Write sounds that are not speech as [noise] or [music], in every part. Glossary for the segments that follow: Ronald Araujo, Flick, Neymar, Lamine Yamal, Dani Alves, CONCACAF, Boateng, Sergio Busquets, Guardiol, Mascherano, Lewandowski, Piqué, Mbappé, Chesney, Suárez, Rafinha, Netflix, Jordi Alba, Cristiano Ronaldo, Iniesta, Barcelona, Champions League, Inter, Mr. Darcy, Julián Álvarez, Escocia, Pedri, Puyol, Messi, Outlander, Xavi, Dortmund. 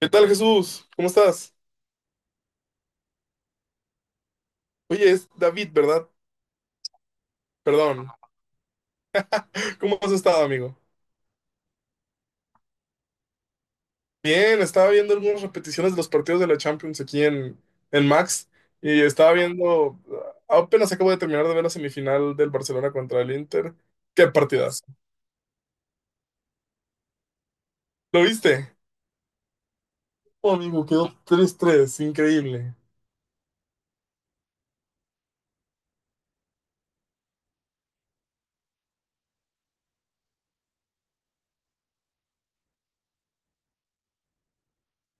¿Qué tal, Jesús? ¿Cómo estás? Oye, es David, ¿verdad? Perdón. [laughs] ¿Cómo has estado, amigo? Bien, estaba viendo algunas repeticiones de los partidos de la Champions aquí en Max y estaba viendo, apenas acabo de terminar de ver la semifinal del Barcelona contra el Inter. ¡Qué partidas! ¿Lo viste? Oh, amigo, quedó tres tres, increíble.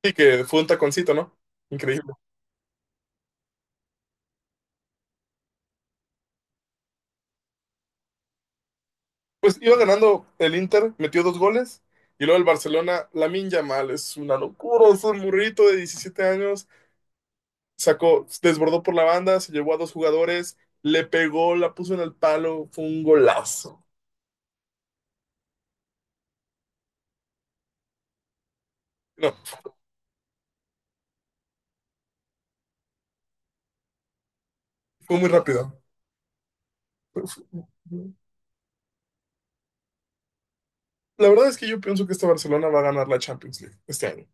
Sí, que fue un taconcito, ¿no? Increíble. Pues iba ganando el Inter, metió dos goles. Y luego el Barcelona, Lamine Yamal, es una locura, es un burrito de 17 años, sacó, desbordó por la banda, se llevó a dos jugadores, le pegó, la puso en el palo, fue un golazo. No, fue muy rápido. La verdad es que yo pienso que este Barcelona va a ganar la Champions League este año.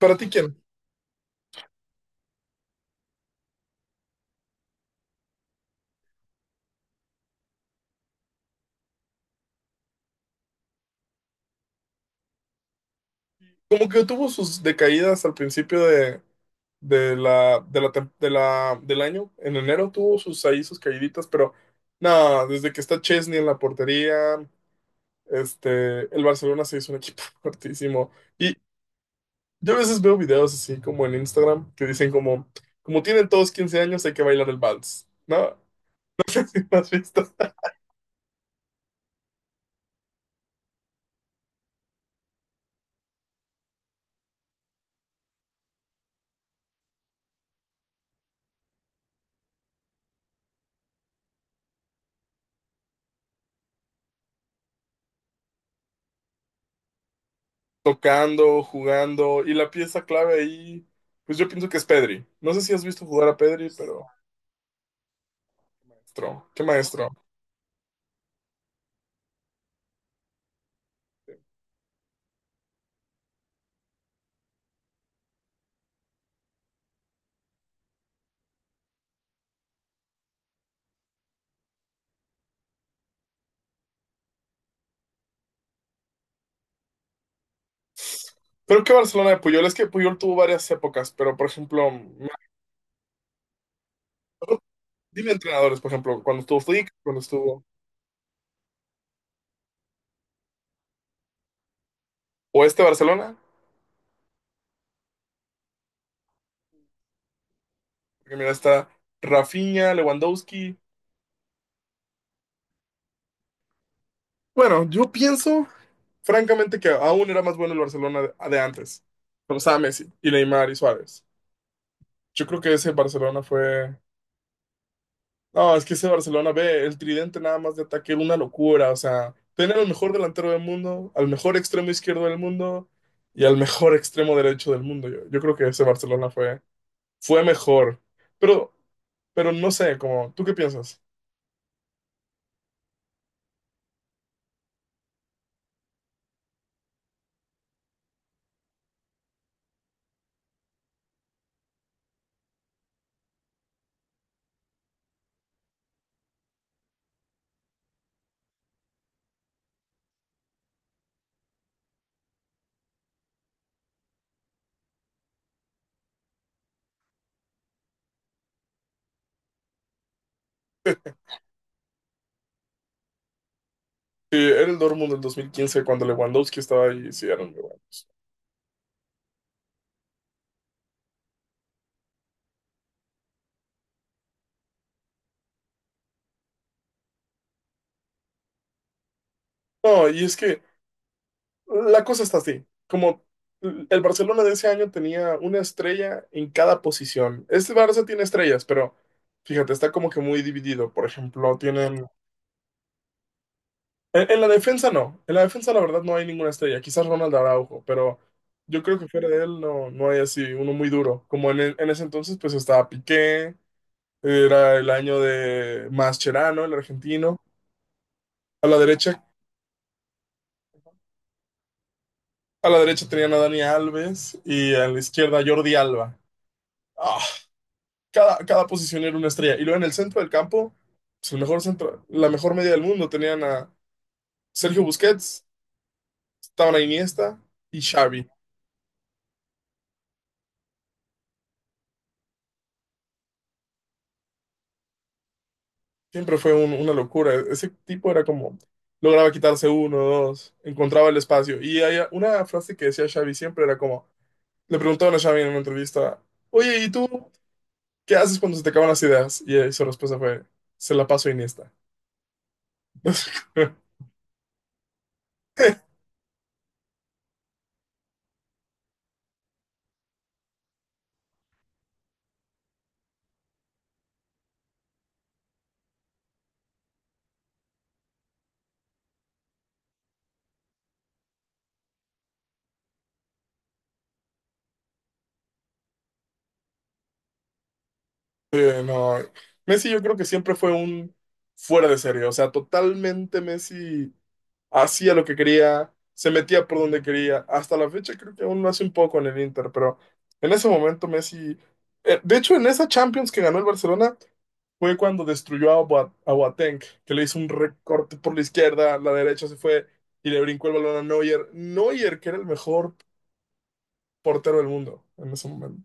¿Para ti quién? Como que tuvo sus decaídas al principio del año. En enero tuvo sus ahí sus caíditas, pero nada, desde que está Chesney en la portería, el Barcelona se hizo un equipo [laughs] fuertísimo. Y, Yo a veces veo videos así como en Instagram que dicen como tienen todos 15 años, hay que bailar el vals, ¿no? [laughs] ¿Sí me ¿Has visto? Tocando, jugando y la pieza clave ahí, pues yo pienso que es Pedri. No sé si has visto jugar a Pedri, pero maestro, qué maestro. Pero que Barcelona de Puyol, es que Puyol tuvo varias épocas, pero por ejemplo, me acuerdo. Dime entrenadores, por ejemplo, cuando estuvo Flick, cuando estuvo, o este Barcelona, porque mira, está Rafinha, Lewandowski. Bueno, yo pienso, francamente, que aún era más bueno el Barcelona de antes, cuando estaba Messi y Neymar y Suárez. Yo creo que ese Barcelona fue. No, es que ese Barcelona, ve, el tridente nada más de ataque, era una locura, o sea, tener al mejor delantero del mundo, al mejor extremo izquierdo del mundo y al mejor extremo derecho del mundo. Yo creo que ese Barcelona fue mejor. Pero, pero no sé, como, ¿tú qué piensas? Sí, era el Dortmund del 2015 cuando Lewandowski estaba ahí, sí, eran muy buenos. No, y es que la cosa está así, como el Barcelona de ese año tenía una estrella en cada posición. Este Barça tiene estrellas, pero fíjate, está como que muy dividido. Por ejemplo, tienen. En la defensa no, en la defensa la verdad no hay ninguna estrella, quizás Ronald Araujo, pero yo creo que fuera de él no, no hay así uno muy duro. Como en ese entonces pues estaba Piqué. Era el año de Mascherano, el argentino. A la derecha, a la derecha, tenían a Dani Alves y a la izquierda a Jordi Alba. Ah, cada posición era una estrella. Y luego en el centro del campo, su mejor centro, la mejor media del mundo, tenían a Sergio Busquets, estaban a Iniesta y Xavi. Siempre fue una locura. Ese tipo era como, lograba quitarse uno, dos, encontraba el espacio. Y hay una frase que decía Xavi siempre era como, le preguntaban a Xavi en una entrevista, oye, ¿y tú ¿qué haces cuando se te acaban las ideas? Y su respuesta fue, se la paso a Iniesta. [laughs] Sí, no, Messi yo creo que siempre fue un fuera de serie, o sea, totalmente Messi hacía lo que quería, se metía por donde quería, hasta la fecha creo que aún lo hace un poco en el Inter, pero en ese momento Messi, de hecho en esa Champions que ganó el Barcelona fue cuando destruyó a Boateng, que le hizo un recorte por la izquierda, la derecha se fue y le brincó el balón a Neuer. Neuer, que era el mejor portero del mundo en ese momento.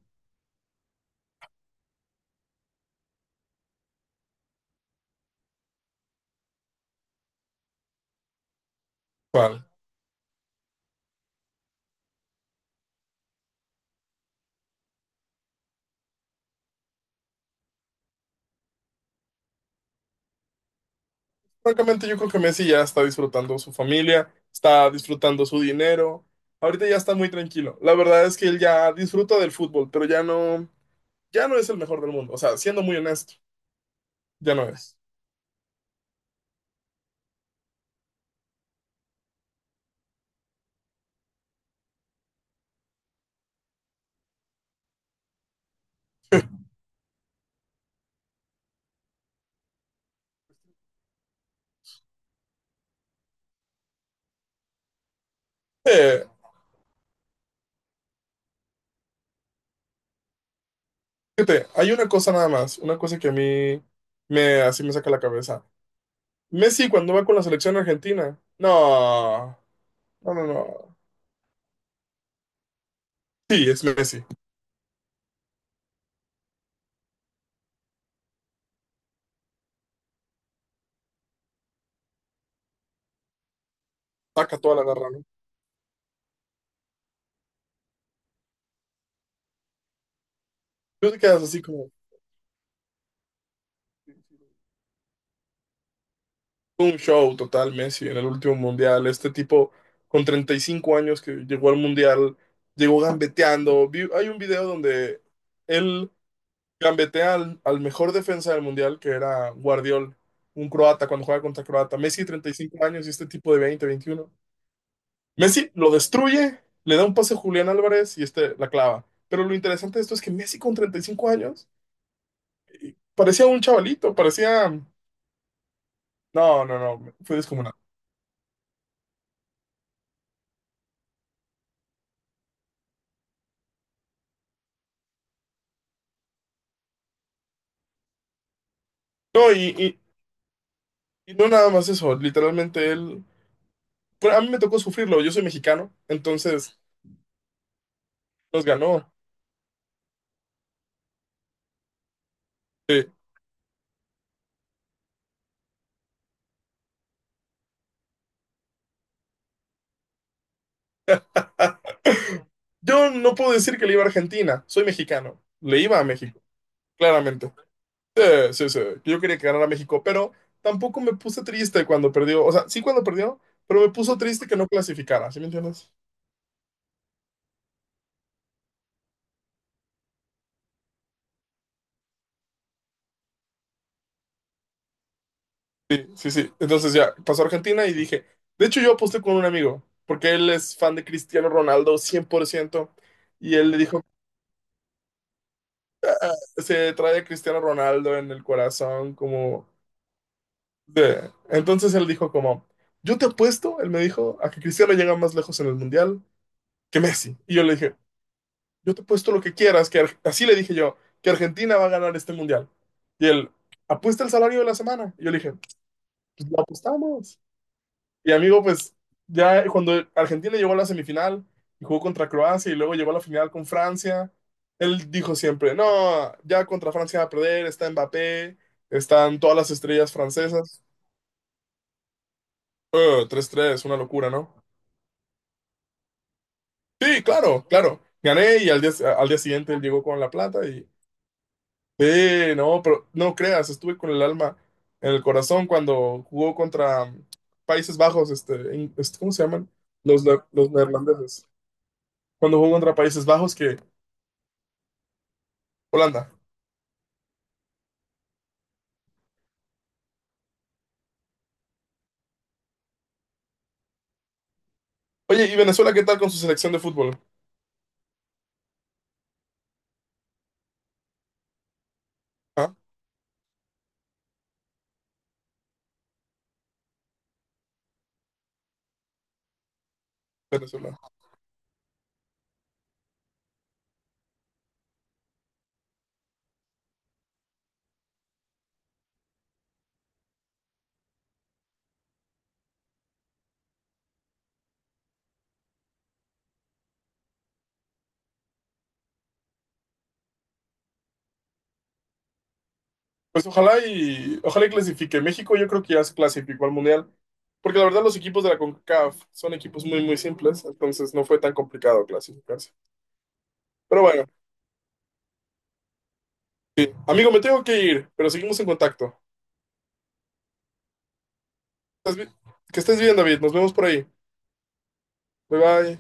¿Cuál? Francamente, yo creo que Messi ya está disfrutando su familia, está disfrutando su dinero. Ahorita ya está muy tranquilo. La verdad es que él ya disfruta del fútbol, pero ya no, ya no es el mejor del mundo. O sea, siendo muy honesto, ya no es. Eh, fíjate, hay una cosa nada más, una cosa que a mí me, así me saca la cabeza. Messi cuando va con la selección argentina, no, no, no, no. Sí, es Messi. Saca toda la garra, ¿no? Tú te quedas así como. Un show total, Messi, en el último mundial. Este tipo con 35 años que llegó al mundial, llegó gambeteando. Hay un video donde él gambetea al, al mejor defensa del mundial, que era Guardiol, un croata, cuando juega contra Croata. Messi, 35 años y este tipo de 20, 21. Messi lo destruye, le da un pase a Julián Álvarez y este la clava. Pero lo interesante de esto es que Messi con 35 años parecía un chavalito, parecía. No, no, no, fue descomunal. No, Y no nada más eso, literalmente él. Bueno, a mí me tocó sufrirlo, yo soy mexicano, entonces nos ganó. Sí. [laughs] Ah, yo no puedo decir que le iba a Argentina, soy mexicano, le iba a México, claramente. Sí, sí, sí, yo quería que ganara México, pero tampoco me puse triste cuando perdió, o sea, sí cuando perdió, pero me puso triste que no clasificara, ¿sí me entiendes? Sí, sí, sí. Entonces ya pasó a Argentina y dije, de hecho yo aposté con un amigo, porque él es fan de Cristiano Ronaldo 100% y él le dijo, se trae a Cristiano Ronaldo en el corazón, como. Entonces él dijo como, yo te apuesto, él me dijo, a que Cristiano llega más lejos en el Mundial que Messi. Y yo le dije, yo te apuesto lo que quieras, así le dije yo, que Argentina va a ganar este Mundial. Y él, apuesta el salario de la semana. Y yo le dije, pues lo apostamos. Y amigo, pues ya cuando Argentina llegó a la semifinal y jugó contra Croacia y luego llegó a la final con Francia, él dijo siempre, no, ya contra Francia va a perder, está Mbappé, están todas las estrellas francesas. Tres 3 una locura, ¿no? Sí, claro, claro. Gané y al día siguiente él llegó con la plata y. Sí, no, pero no creas, estuve con el alma en el corazón cuando jugó contra Países Bajos, ¿cómo se llaman? Los neerlandeses. Cuando jugó contra Países Bajos, que Holanda. Oye, ¿y Venezuela qué tal con su selección de fútbol? Ah, Venezuela. Pues ojalá y ojalá y clasifique. México yo creo que ya se clasificó al Mundial, porque la verdad los equipos de la CONCACAF son equipos muy muy simples, entonces no fue tan complicado clasificarse. Pero bueno, amigo, me tengo que ir, pero seguimos en contacto. Estás bi- Que estés bien, David. Nos vemos por ahí. Bye bye.